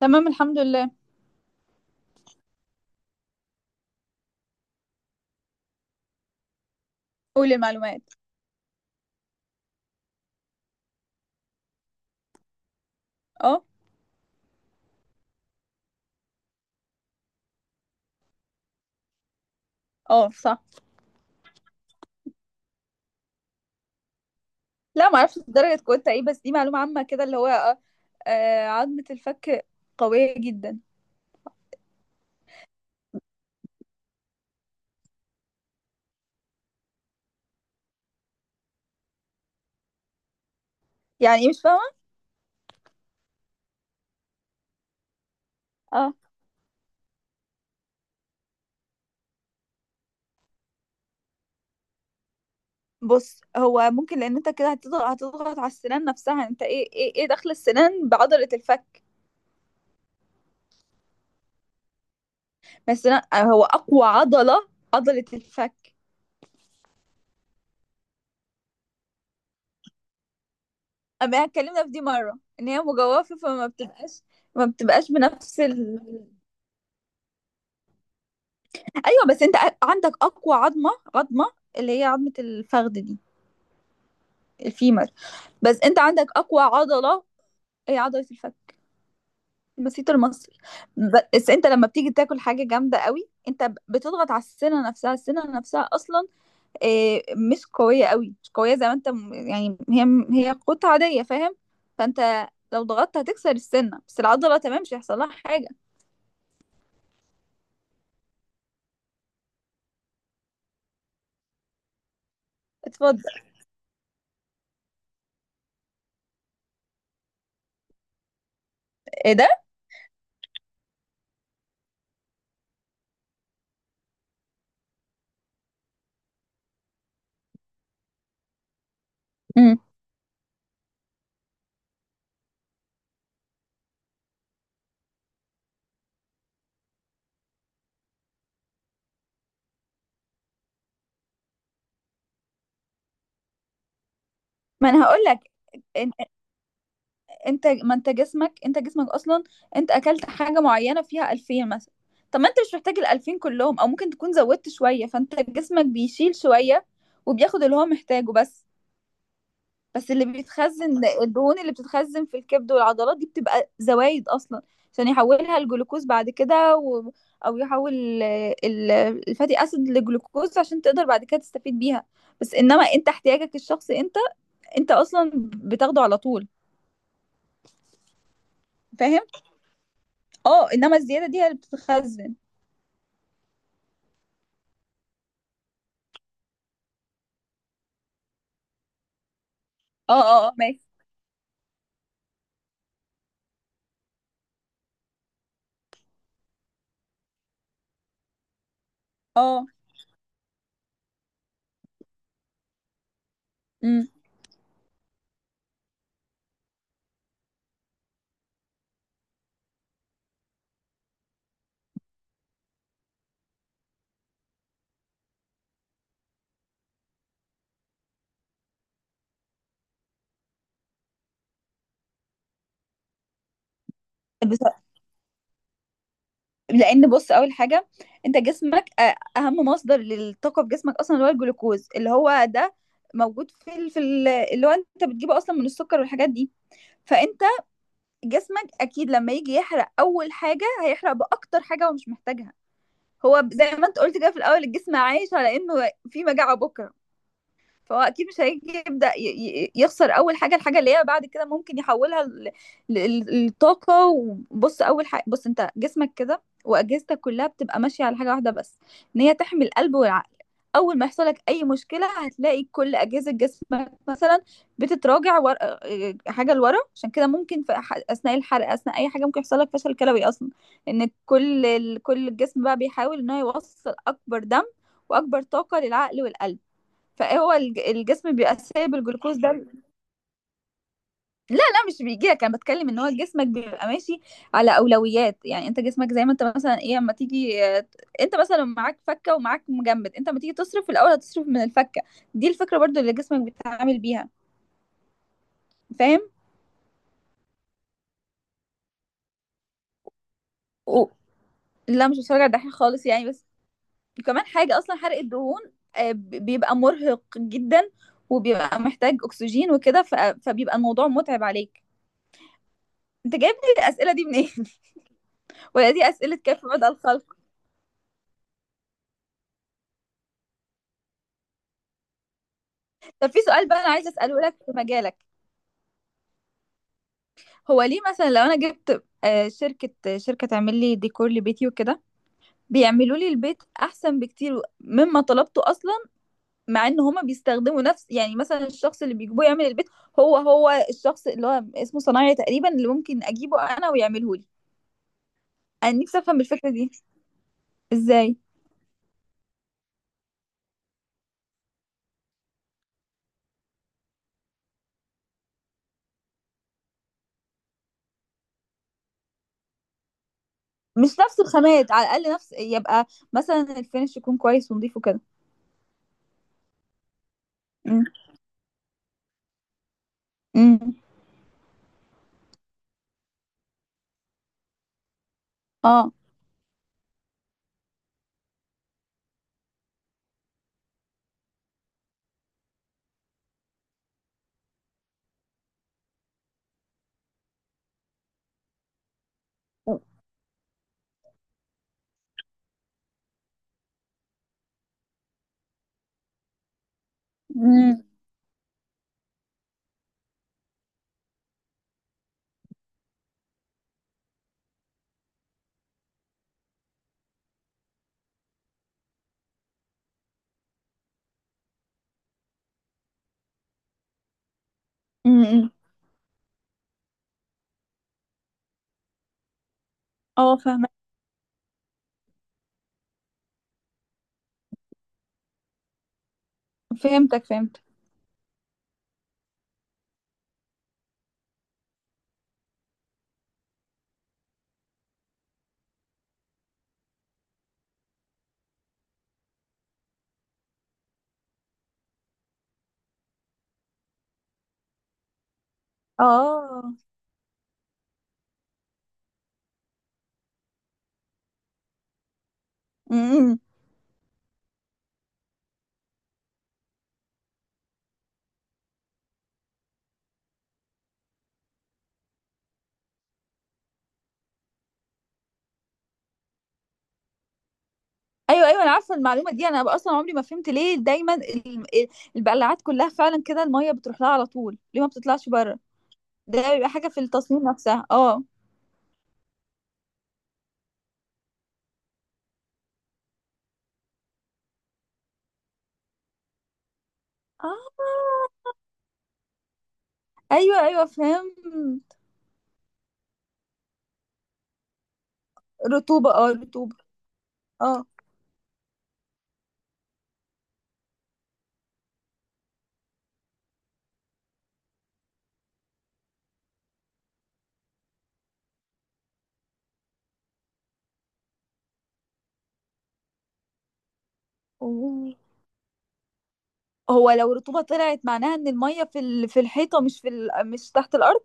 تمام، الحمد لله. قولي المعلومات. اه. اه صح. لا ما اعرفش درجة قوتها ايه، بس دي معلومة عامة كده اللي هو عظمة الفك قوية جدا. يعني ايه؟ مش فاهمة. اه، بص هو ممكن لان انت كده هتضغط على السنان نفسها، انت ايه دخل السنان بعضلة الفك؟ ما السنان هو اقوى عضلة عضلة الفك. اما اتكلمنا في دي مرة ان هي مجوفة فما بتبقاش، ما بتبقاش بنفس ايوه، بس انت عندك اقوى عظمة اللي هي عظمة الفخذ دي، الفيمر. بس انت عندك اقوى عضله هي عضله الفك البسيط المصري. بس انت لما بتيجي تاكل حاجه جامده قوي انت بتضغط على السنه نفسها. السنه نفسها اصلا آه، مش قويه قوي، مش قويه زي ما انت يعني هي هي قطعه عاديه، فاهم؟ فانت لو ضغطت هتكسر السنه، بس العضله تمام مش هيحصل لها حاجه. اتفضل. ايه ده؟ مم. ما انا هقول لك. انت ما انت جسمك اصلا، انت اكلت حاجه معينه فيها 2000 مثلا. طب ما انت مش محتاج ال 2000 كلهم، او ممكن تكون زودت شويه، فانت جسمك بيشيل شويه وبياخد اللي هو محتاجه بس. بس اللي بيتخزن الدهون اللي بتتخزن في الكبد والعضلات دي بتبقى زوايد اصلا، عشان يحولها الجلوكوز بعد كده او يحول ال- الفاتي اسيد لجلوكوز عشان تقدر بعد كده تستفيد بيها. بس انما انت احتياجك الشخصي انت، انت اصلا بتاخده على طول، فاهم؟ اه، انما الزياده دي هي اللي بتتخزن. اه اه اه ماشي. اه. امم. بس لان بص، اول حاجه انت جسمك اهم مصدر للطاقه في جسمك اصلا اللي هو الجلوكوز، اللي هو ده موجود في اللي هو انت بتجيبه اصلا من السكر والحاجات دي. فانت جسمك اكيد لما يجي يحرق اول حاجه هيحرق باكتر حاجه هو مش محتاجها. هو زي ما انت قلت كده في الاول، الجسم عايش على انه في مجاعه بكره، فهو اكيد مش هيجي يبدا يخسر اول حاجه الحاجه اللي هي بعد كده ممكن يحولها لطاقه. وبص اول حاجه، بص انت جسمك كده واجهزتك كلها بتبقى ماشيه على حاجه واحده بس، ان هي تحمي القلب والعقل. اول ما يحصل لك اي مشكله هتلاقي كل اجهزه جسمك مثلا بتتراجع ور... آه، حاجه لورا. عشان كده ممكن في اثناء الحرق اثناء اي حاجه ممكن يحصل لك فشل كلوي اصلا، ان كل الجسم بقى بيحاول ان هو يوصل اكبر دم واكبر طاقه للعقل والقلب. فهو الجسم بيبقى سايب الجلوكوز ده. لا لا مش بيجيلك، انا بتكلم ان هو جسمك بيبقى ماشي على اولويات. يعني انت جسمك زي ما انت مثلا ايه، اما تيجي انت مثلا معاك فكه ومعاك مجمد، انت اما تيجي تصرف في الاول هتصرف من الفكه. دي الفكره برضو اللي جسمك بيتعامل بيها، فاهم؟ و... لا مش بتفرج على الدحيح خالص يعني، بس كمان حاجه اصلا حرق الدهون بيبقى مرهق جدا، وبيبقى محتاج اكسجين وكده فبيبقى الموضوع متعب عليك. انت جايب لي الاسئله دي منين؟ ولا دي اسئله كيف بدأ الخلق؟ طب في سؤال بقى انا عايزه اساله لك في مجالك. هو ليه مثلا لو انا جبت شركه تعمل لي ديكور لبيتي وكده بيعملوا لي البيت احسن بكتير مما طلبته اصلا، مع ان هما بيستخدموا نفس يعني مثلا الشخص اللي بيجيبوه يعمل البيت هو هو الشخص اللي هو اسمه صنايعي تقريبا اللي ممكن اجيبه انا ويعمله لي. انا نفسي افهم الفكره دي ازاي. مش نفس الخامات، على الاقل نفس يبقى مثلا الفينش يكون كويس ونضيف وكده. امم. امم. اه. امم. امم. اه فاهمه. فهمتك فهمتك. اه. امم. ايوه ايوه انا عارفه المعلومه دي، انا اصلا عمري ما فهمت ليه دايما البقلاعات كلها فعلا كده الميه بتروح لها على طول، ليه ما بتطلعش بره؟ ده بيبقى حاجه في التصميم نفسها، اه. اه. ايوه ايوه فهمت. رطوبه اه رطوبه. اه. أوه. هو لو رطوبه طلعت معناها ان الميه في في الحيطه مش في مش تحت الارض.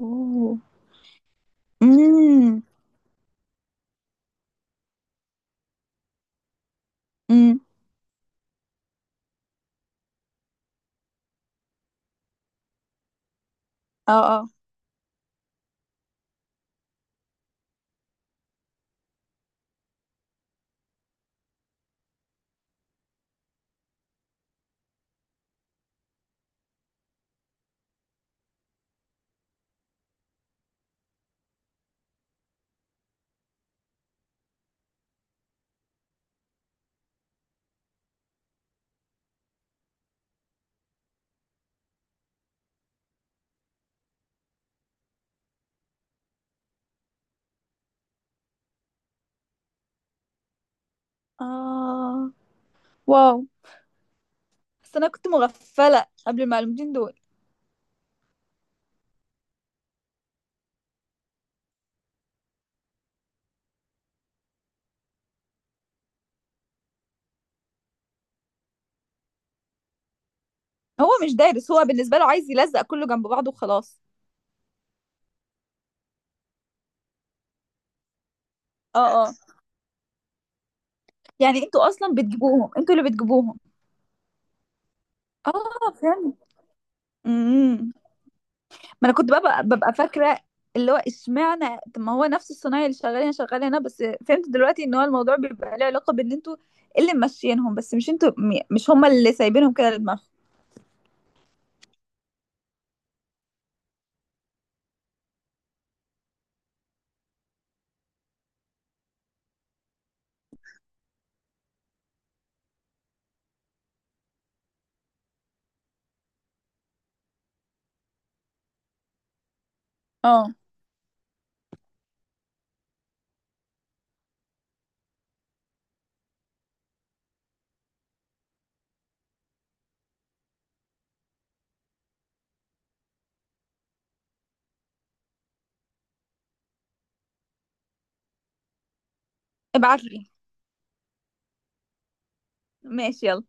اوه. امم. امم. اه اه اه. واو. بس انا كنت مغفله قبل المعلومتين دول. هو مش دارس، هو بالنسبة له عايز يلزق كله جنب بعضه وخلاص. اه اه. يعني انتوا اصلا بتجيبوهم، انتوا اللي بتجيبوهم. اه فهمت. امم. ما انا كنت ببقى فاكرة اللي هو اشمعنى، طب ما هو نفس الصنايعي اللي شغال هنا شغال هنا بس. فهمت دلوقتي ان هو الموضوع بيبقى له علاقة بان انتوا اللي ماشيينهم بس، مش انتوا مش هما اللي سايبينهم كده لدماغهم. اه. ابعت لي. ماشي يلا.